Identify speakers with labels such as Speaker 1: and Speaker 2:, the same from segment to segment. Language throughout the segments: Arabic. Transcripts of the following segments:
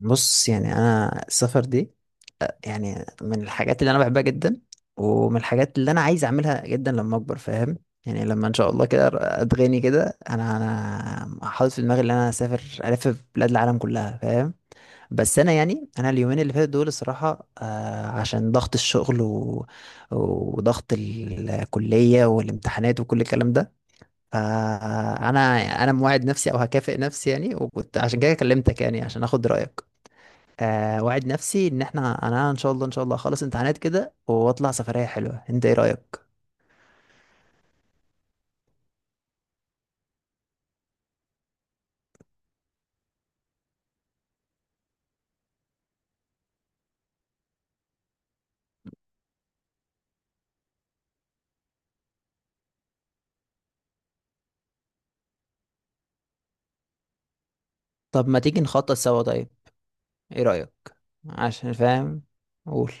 Speaker 1: بص يعني انا السفر دي يعني من الحاجات اللي انا بحبها جدا، ومن الحاجات اللي انا عايز اعملها جدا لما اكبر فاهم. يعني لما ان شاء الله كده اتغني كده انا حاطط في دماغي ان انا اسافر الف بلاد العالم كلها فاهم. بس انا يعني انا اليومين اللي فاتوا دول الصراحه عشان ضغط الشغل وضغط الكليه والامتحانات وكل الكلام ده. فانا انا موعد نفسي او هكافئ نفسي يعني، وكنت عشان كده كلمتك يعني عشان اخد رايك. وعد نفسي ان انا ان شاء الله ان شاء الله اخلص امتحانات كده واطلع سفرية حلوة، انت ايه رأيك؟ طب ما تيجي نخطط سوا طيب، ايه رأيك؟ عشان فاهم، قول.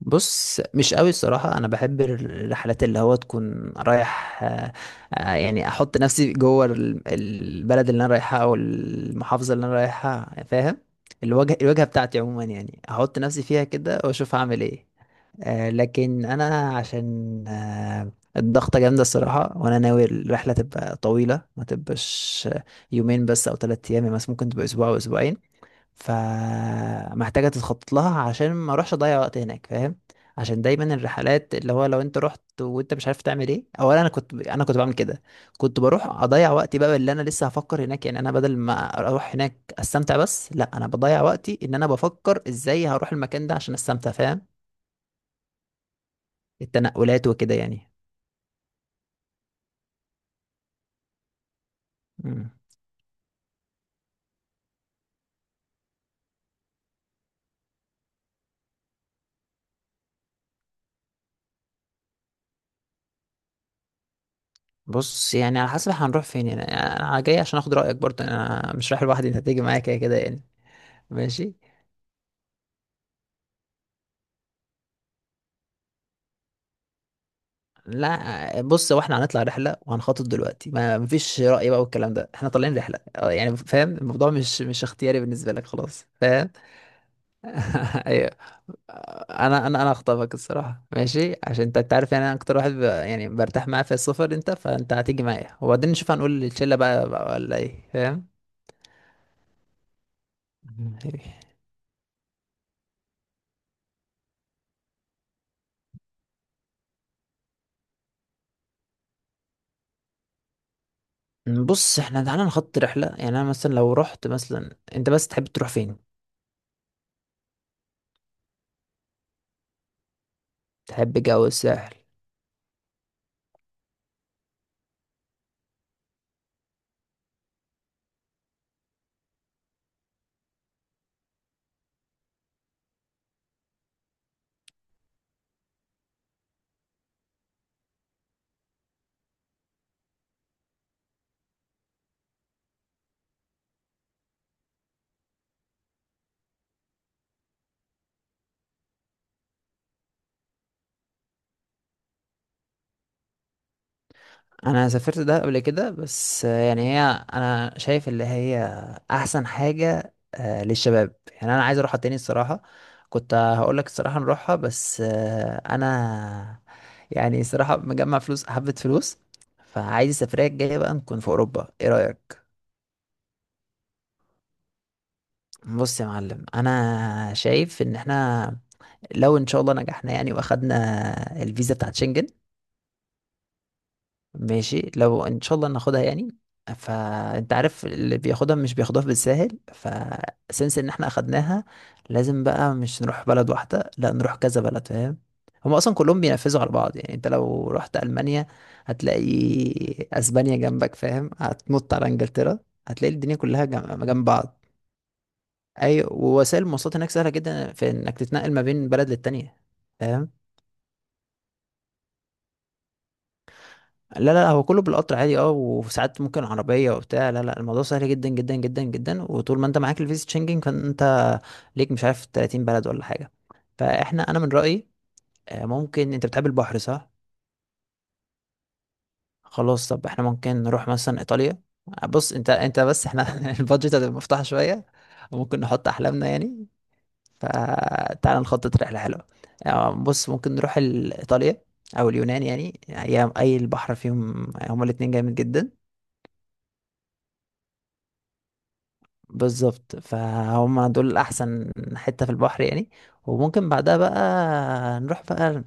Speaker 1: بص مش قوي الصراحة، انا بحب الرحلات اللي هو تكون رايح يعني احط نفسي جوه البلد اللي انا رايحها او المحافظة اللي انا رايحها فاهم. الوجهة بتاعتي عموما يعني احط نفسي فيها كده واشوف هعمل ايه. لكن انا عشان الضغطة جامدة الصراحة، وانا ناوي الرحلة تبقى طويلة، ما تبقاش يومين بس او ثلاثة ايام، يعني مثلا ممكن تبقى اسبوع او اسبوعين. فمحتاجة تتخطط لها عشان ما اروحش اضيع وقت هناك فاهم. عشان دايما الرحلات اللي هو لو انت رحت وانت مش عارف تعمل ايه، اولا انا كنت بعمل كده. كنت بروح اضيع وقتي بقى اللي انا لسه هفكر هناك، يعني انا بدل ما اروح هناك استمتع، بس لا انا بضيع وقتي ان انا بفكر ازاي هروح المكان ده عشان استمتع فاهم. التنقلات وكده يعني. مم. بص يعني على حسب هنروح فين، يعني انا جاي عشان اخد رايك برضه، انا مش رايح لوحدي، انت هتيجي معايا كده كده يعني. ماشي. لا بص هو احنا هنطلع رحله وهنخطط دلوقتي، ما مفيش راي بقى والكلام ده، احنا طالعين رحله اه يعني فاهم. الموضوع مش اختياري بالنسبه لك خلاص فاهم. ايوه. انا اخطبك الصراحه ماشي، عشان انت أنت عارف يعني انا اكتر واحد يعني برتاح معاه في السفر انت، فانت هتيجي معايا وبعدين نشوف هنقول للشله بقى ولا ايه فاهم. مم. إمم، بص احنا تعالى نخط رحلة، يعني انا مثلا لو رحت مثلا، انت بس تحب تروح فين؟ تحب جو الساحل. انا سافرت ده قبل كده بس يعني هي، انا شايف اللي هي احسن حاجة للشباب، يعني انا عايز اروحها تاني الصراحة. كنت هقول لك الصراحة نروحها بس انا يعني الصراحة مجمع فلوس حبة فلوس، فعايز السفرية الجاية بقى نكون في اوروبا، ايه رأيك؟ بص يا معلم انا شايف ان احنا لو ان شاء الله نجحنا يعني واخدنا الفيزا بتاعت شنجن، ماشي لو ان شاء الله ناخدها يعني. فانت عارف اللي بياخدها مش بياخدها بالساهل، فسنس ان احنا اخدناها لازم بقى مش نروح بلد واحدة، لا نروح كذا بلد فاهم. هما اصلا كلهم بينفذوا على بعض، يعني انت لو رحت المانيا هتلاقي اسبانيا جنبك فاهم، هتنط على انجلترا هتلاقي الدنيا كلها جنب جنب بعض. اي، ووسائل المواصلات هناك سهلة جدا في انك تتنقل ما بين بلد للتانية فاهم؟ لا لا لا، هو كله بالقطر عادي اه، وساعات ممكن عربية وبتاع. لا لا الموضوع سهل جدا جدا جدا جدا، وطول ما انت معاك الفيزا شنجن فانت ليك مش عارف 30 بلد ولا حاجة. فاحنا انا من رأيي ممكن، انت بتحب البحر صح؟ خلاص طب احنا ممكن نروح مثلا ايطاليا. بص انت بس احنا البادجت هتبقى مفتوحة شوية وممكن نحط احلامنا يعني. فتعال نخطط رحلة حلوة. بص ممكن نروح ايطاليا او اليونان، يعني أي البحر فيهم هما الاتنين جامد جدا. بالظبط، فهم دول احسن حتة في البحر يعني. وممكن بعدها بقى نروح بقى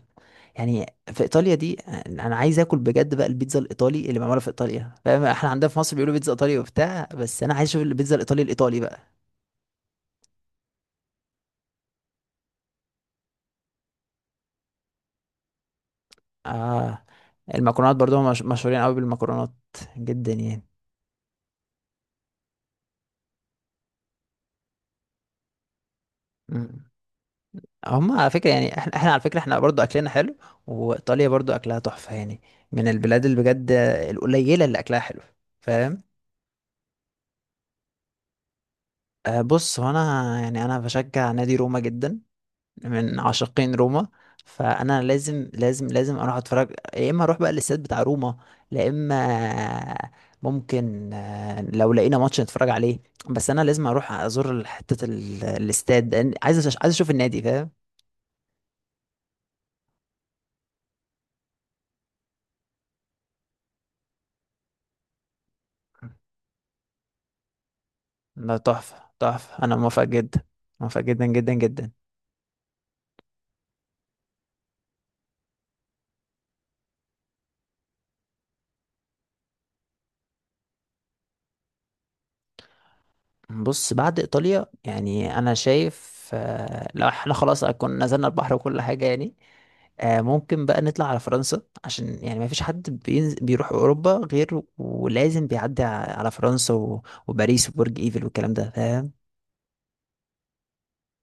Speaker 1: يعني في ايطاليا دي، انا عايز اكل بجد بقى البيتزا الايطالي اللي معموله في ايطاليا فاهم. احنا عندنا في مصر بيقولوا بيتزا ايطالي وبتاع، بس انا عايز اشوف البيتزا الايطالي الايطالي بقى. اه المكرونات برضو هم مشهورين قوي بالمكرونات جدا يعني. مم. هم على فكرة يعني احنا على فكرة احنا برضو اكلنا حلو، وايطاليا برضو اكلها تحفة يعني، من البلاد اللي بجد القليلة اللي اكلها حلو فاهم. أه بص هو انا يعني انا بشجع نادي روما جدا، من عاشقين روما، فانا لازم لازم لازم اروح اتفرج يا اما اروح بقى الاستاد بتاع روما، لا اما ممكن لو لقينا ماتش نتفرج عليه، بس انا لازم اروح ازور حته الاستاد لأن عايز عايز اشوف النادي فاهم. ده تحفه تحفه، انا موافق جدا، موافق جدا جدا جدا. بص بعد ايطاليا يعني انا شايف لو احنا خلاص كنا نزلنا البحر وكل حاجه يعني، ممكن بقى نطلع على فرنسا، عشان يعني ما فيش حد بيروح اوروبا غير ولازم بيعدي على فرنسا وباريس وبرج ايفل والكلام ده فاهم.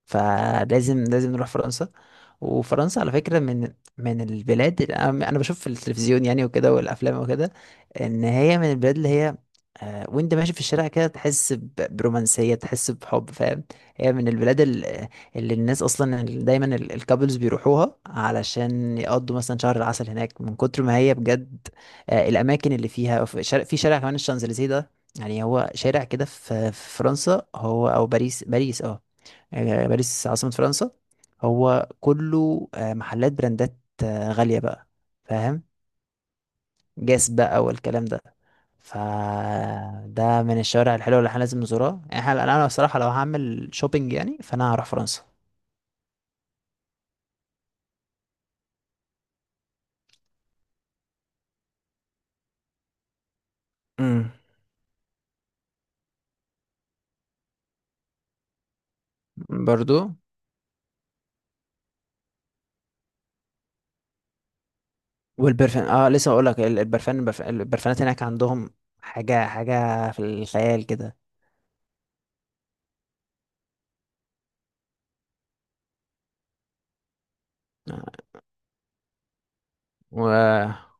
Speaker 1: فلازم لازم نروح فرنسا. وفرنسا على فكرة من من البلاد اللي انا بشوف في التلفزيون يعني وكده والافلام وكده، ان هي من البلاد اللي هي وانت ماشي في الشارع كده تحس برومانسية، تحس بحب فاهم. هي من البلاد اللي الناس اصلا دايما الكابلز بيروحوها علشان يقضوا مثلا شهر العسل هناك من كتر ما هي بجد الاماكن اللي فيها. في شارع, في شارع كمان الشانزليزيه ده، يعني هو شارع كده في في فرنسا، هو او باريس، باريس اه باريس عاصمة فرنسا. هو كله محلات براندات غالية بقى فاهم. جاس بقى والكلام ده، فده من الشوارع الحلوة اللي احنا لازم نزورها يعني. احنا انا بصراحة لو هعمل شوبينج يعني فانا هروح فرنسا. امم برضو. والبرفان اه لسه اقول لك، البرفان البرفانات هناك عندهم حاجة حاجة في الخيال كده. و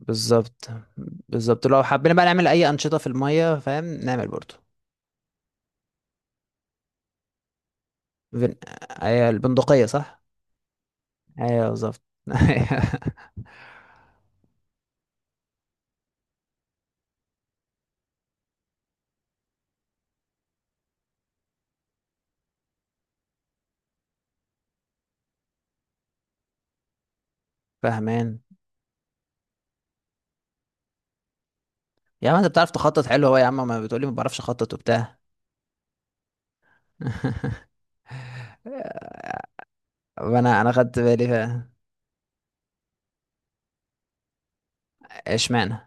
Speaker 1: بالظبط. بالظبط لو حبينا بقى نعمل اي انشطة في المية فاهم نعمل برضو. فين... ايوه البندقية صح؟ ايوه بالظبط أيوة. فاهمان. يا عم انت بتعرف تخطط حلو اهو، يا عم ما بتقولي ما بعرفش اخطط وبتاع. وانا خدت بالي ف اشمعنى.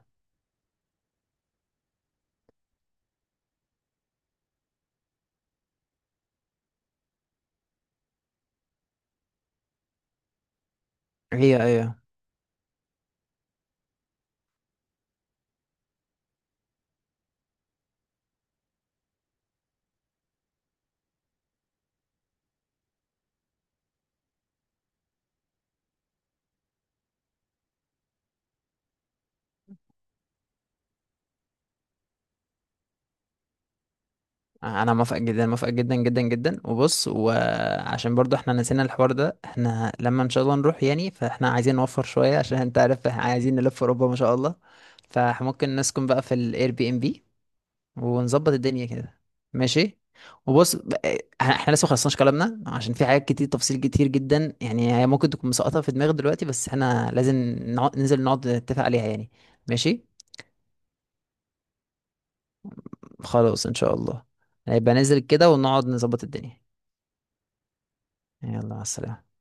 Speaker 1: ايوه ايوه انا موافق جدا، موافق جدا جدا جدا. وبص، وعشان برضو احنا نسينا الحوار ده، احنا لما ان شاء الله نروح يعني فاحنا عايزين نوفر شوية، عشان انت عارف احنا عايزين نلف اوروبا ما شاء الله. فممكن نسكن بقى في الاير بي ام بي ونظبط الدنيا كده. ماشي. وبص احنا لسه مخلصناش كلامنا، عشان في حاجات كتير، تفاصيل كتير جدا يعني، هي ممكن تكون مسقطة في دماغي دلوقتي، بس احنا لازم نقعد ننزل نقعد نتفق عليها يعني. ماشي خلاص ان شاء الله. هيبقى ننزل كده ونقعد نظبط الدنيا. يلا مع السلامة.